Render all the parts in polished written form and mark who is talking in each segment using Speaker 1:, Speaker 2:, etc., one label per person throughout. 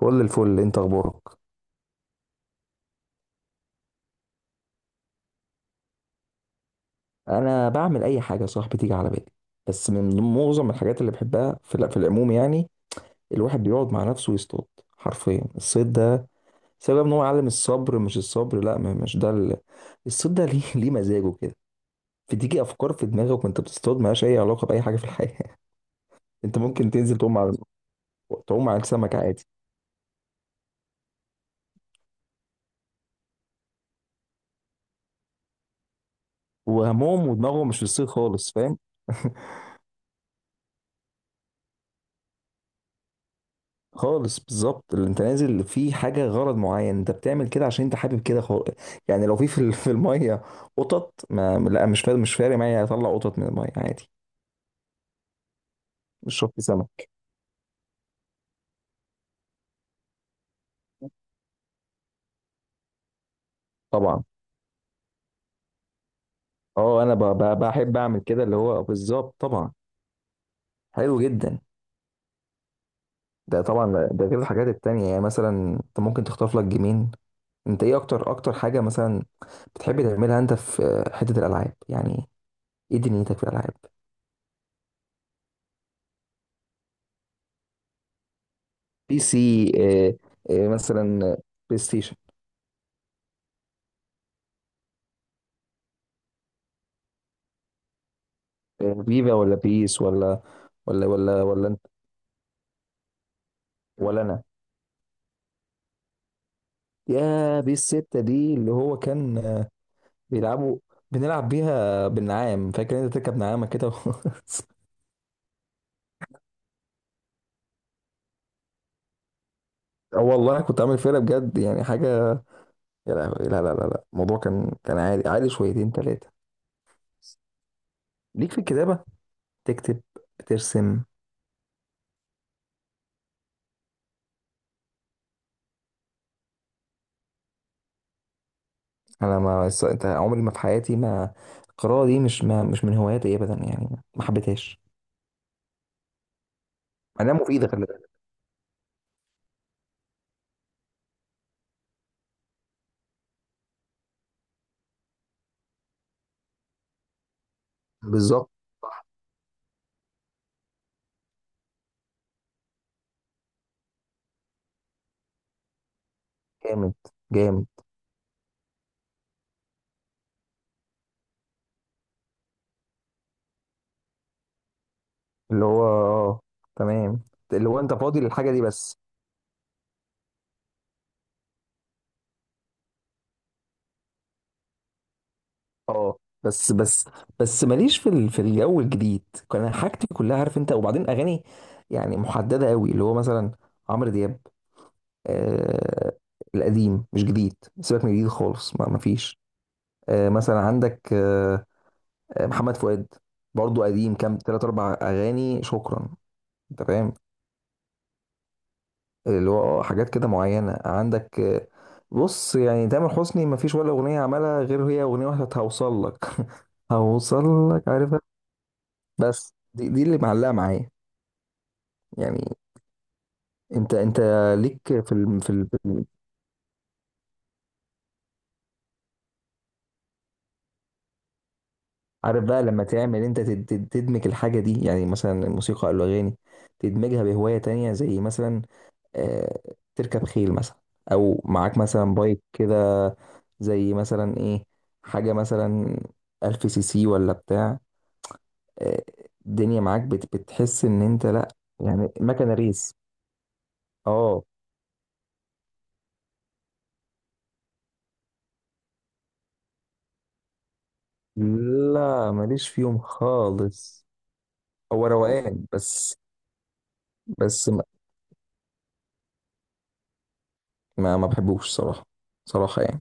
Speaker 1: فل الفل. انت اخبارك؟ انا بعمل اي حاجه يا صاحبي تيجي على بالي، بس معظم الحاجات اللي بحبها في العموم يعني. الواحد بيقعد مع نفسه ويصطاد، حرفيا الصيد ده سبب ان هو يعلم الصبر. مش الصبر، لا ما- مش ده ال... الصيد ده ليه ليه مزاجه كده. بتيجي افكار في دماغك وانت بتصطاد مالهاش اي علاقه باي حاجه في الحياه. انت ممكن تنزل تعوم على، تعوم على السمك عادي. وهمهم ودماغهم مش في الصيد خالص، فاهم. خالص بالظبط، اللي انت نازل في حاجه غرض معين انت بتعمل كده عشان انت حابب كده خالص. يعني لو في في الميه قطط، ما لا، مش فارق، مش فارق معايا اطلع قطط من الميه عادي. مش شرط سمك. طبعا. اه انا بحب اعمل كده، اللي هو بالظبط طبعا. حلو جدا. ده طبعا ده غير الحاجات التانية، يعني مثلا انت ممكن تختار لك جيمين. انت ايه اكتر اكتر حاجه مثلا بتحب تعملها انت في حته الالعاب يعني؟ ايه دنيتك في الالعاب؟ بي سي آه، آه، مثلا بلاي ستيشن. فيفا ولا بيس ولا؟ ولا انت؟ ولا انا؟ يا بيس 6 دي اللي هو كان بيلعبوا، بنلعب بيها بالنعام. فاكر انت تركب نعامة كده اه والله كنت عامل فرقة بجد يعني حاجة. يا لهوي، لا لا لا لا، الموضوع كان كان عادي، عادي شويتين تلاتة. ليك في الكتابة؟ تكتب، ترسم؟ انا ما الص- انت عمري ما في حياتي ما القراءة دي مش ما مش من هواياتي ابدا يعني. ما حبيتهاش. انا مفيدة، خلي بالك. بالظبط. جامد، جامد. اللي هو اه، تمام. اللي هو انت فاضي للحاجه دي بس. اه بس، بس ماليش في الجو الجديد. كان حاجتي كلها عارف انت، وبعدين اغاني يعني محدده قوي اللي هو مثلا عمرو دياب. آه القديم، مش جديد. سيبك من جديد خالص، ما فيش. آه مثلا عندك آه، محمد فؤاد برضو قديم، كام تلات اربع اغاني شكرا. انت فاهم، اللي هو اه حاجات كده معينة عندك. بص يعني تامر حسني مفيش ولا أغنية عملها غير هي أغنية واحدة، بتاعت هوصل لك. هوصل لك، عارفها. بس دي, دي اللي معلقة معايا يعني. انت انت ليك في ال... عارف بقى لما تعمل انت تدمج الحاجة دي يعني مثلا الموسيقى او الأغاني، تدمجها بهواية تانية زي مثلا، آه، تركب خيل مثلا، أو معاك مثلا بايك كده، زي مثلا ايه حاجة مثلا 1000 سي سي ولا بتاع. آه، الدنيا معاك بتحس ان انت، لا يعني مكنه ريس. اه، لا ماليش فيهم خالص. هو روقان بس. بس ما ما بحبوش صراحه. صراحه يعني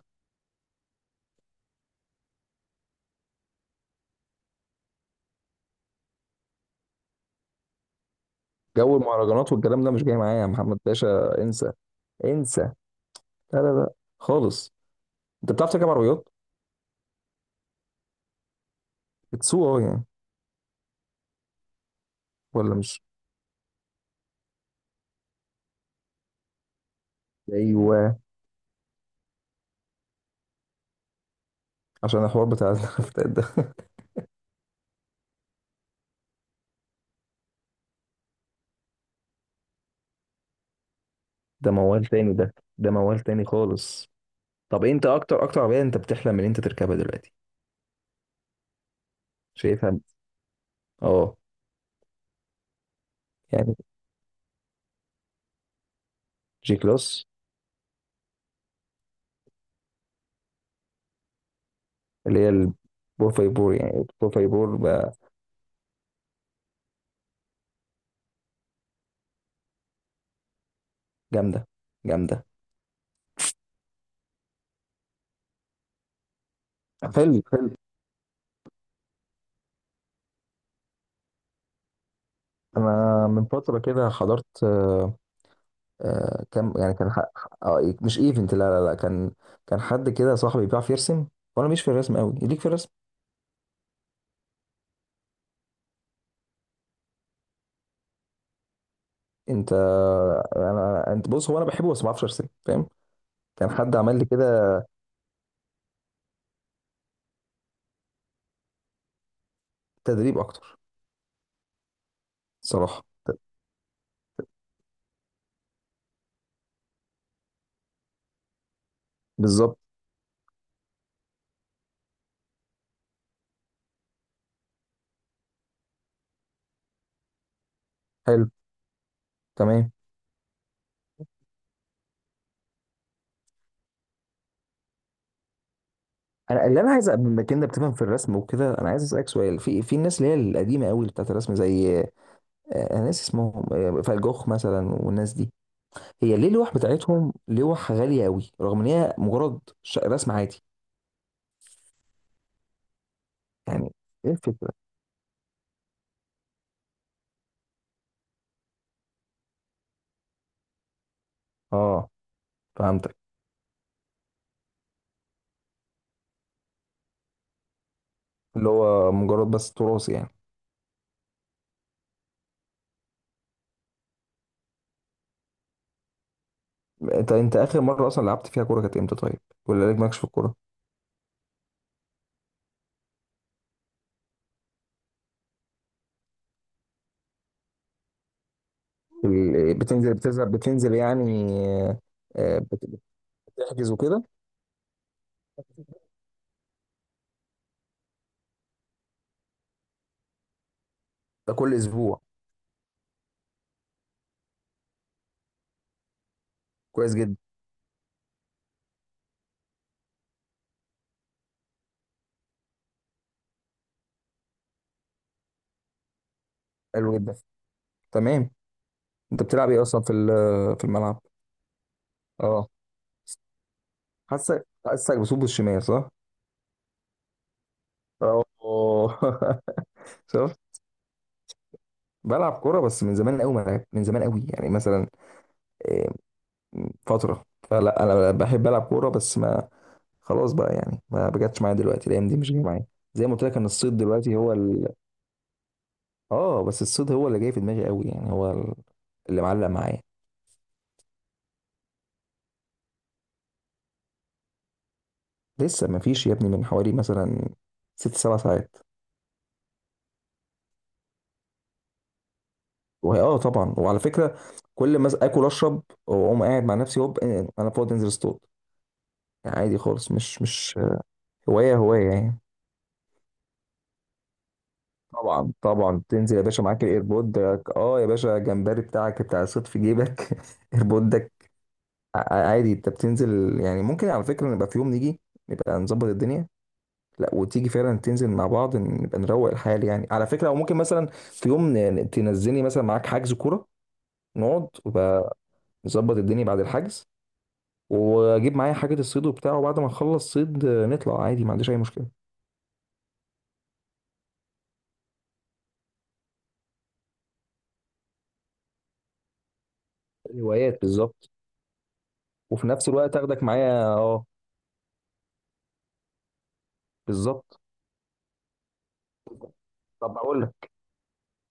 Speaker 1: جو المهرجانات والكلام ده مش جاي معايا يا محمد باشا، انسى، انسى. لا لا لا خالص. انت بتعرف تركب عربيات؟ بتسوق اه يعني؟ ولا مش؟ ايوه، عشان الحوار بتاع النفطات ده. ده موال تاني، ده ده موال تاني خالص. طب انت اكتر اكتر عربيه انت بتحلم ان انت تركبها دلوقتي، شايفها؟ اه يعني. جي كلاس. اللي هي البور فايبور يعني، البور فايبور بقى. جامده، جامده. حلو، حلو. انا من فتره كده حضرت آه، آه، كام يعني كان مش ايفنت، لا لا لا، كان كان حد كده صاحبي بيعرف يرسم، وانا مش في الرسم قوي. ليك في الرسم؟ انت آه، انا انت بص، هو انا بحبه بس ما بعرفش ارسم فاهم. كان حد عمل لي كده. تدريب اكتر. صراحه. بالظبط. حلو. تمام. انا اللي انا عايز بما انك بتفهم في الرسم وكده، انا عايز اسالك سؤال في في الناس اللي هي القديمه قوي اللي بتاعت الرسم، زي ناس اسمهم فان جوخ مثلا والناس دي. هي ليه اللوح بتاعتهم لوح غاليه قوي رغم ان هي مجرد رسم عادي يعني؟ ايه الفكره؟ اه، فهمتك. اللي هو مجرد بس تراث يعني. انت انت اخر مره اصلا لعبت فيها كوره كانت امتى طيب؟ ولا لك مالكش في الكوره؟ ال- بتنزل بتنزل يعني؟ آه، آه، بتحجز وكده؟ ده كل اسبوع؟ كويس جدا. حلو جدا. تمام. انت بتلعب ايه اصلا في الملعب؟ اه، حاسك، حاسك بصوب بالشمال صح؟ اه شفت؟ بلعب كوره بس من زمان قوي ما لعبت، من زمان قوي يعني مثلا، إيه، فتره. فلا انا بحب العب كوره بس ما، خلاص بقى يعني ما بجاتش معايا دلوقتي، الايام دي مش جايه معايا. زي ما قلت لك ان الصيد دلوقتي هو ال... اه بس الصيد هو اللي جاي في دماغي قوي، يعني هو ال- اللي معلق معايا. لسه ما فيش يا ابني، من حوالي مثلا 6 7 ساعات. وهي اه طبعا، وعلى فكره كل ما اكل اشرب واقوم قاعد مع نفسي هوب انا فاضي انزل اصطاد. يعني عادي خالص، مش مش هوايه، هوايه يعني. طبعا، طبعا تنزل يا باشا معاك الايربود. اه يا باشا، جمبري بتاعك بتاع الصيد في جيبك ايربودك. عادي. انت بتنزل يعني ممكن على فكره نبقى في يوم نيجي، نبقى نظبط الدنيا. لا وتيجي فعلا تنزل مع بعض نبقى نروق الحال يعني على فكره، او ممكن مثلا في يوم تنزلني مثلا معاك حجز كوره، نقعد ونبقى نظبط الدنيا بعد الحجز، واجيب معايا حاجه الصيد وبتاع، وبعد ما نخلص صيد نطلع عادي ما عنديش اي مشكله. هوايات بالظبط. وفي نفس الوقت اخدك معايا اه. بالظبط. طب اقول لك.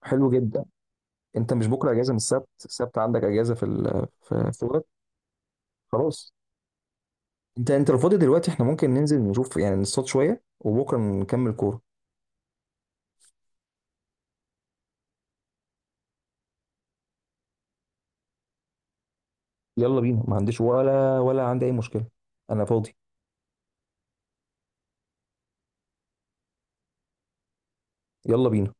Speaker 1: حلو جدا. انت مش بكره اجازه؟ من السبت، السبت عندك اجازه في ال... في في الوقت؟ خلاص. انت انت لو فاضي دلوقتي احنا ممكن ننزل نشوف يعني، نصطاد شويه وبكره نكمل كوره. يلا بينا، ما عنديش ولا ولا عندي اي مشكله. انا فاضي. يلا بينا.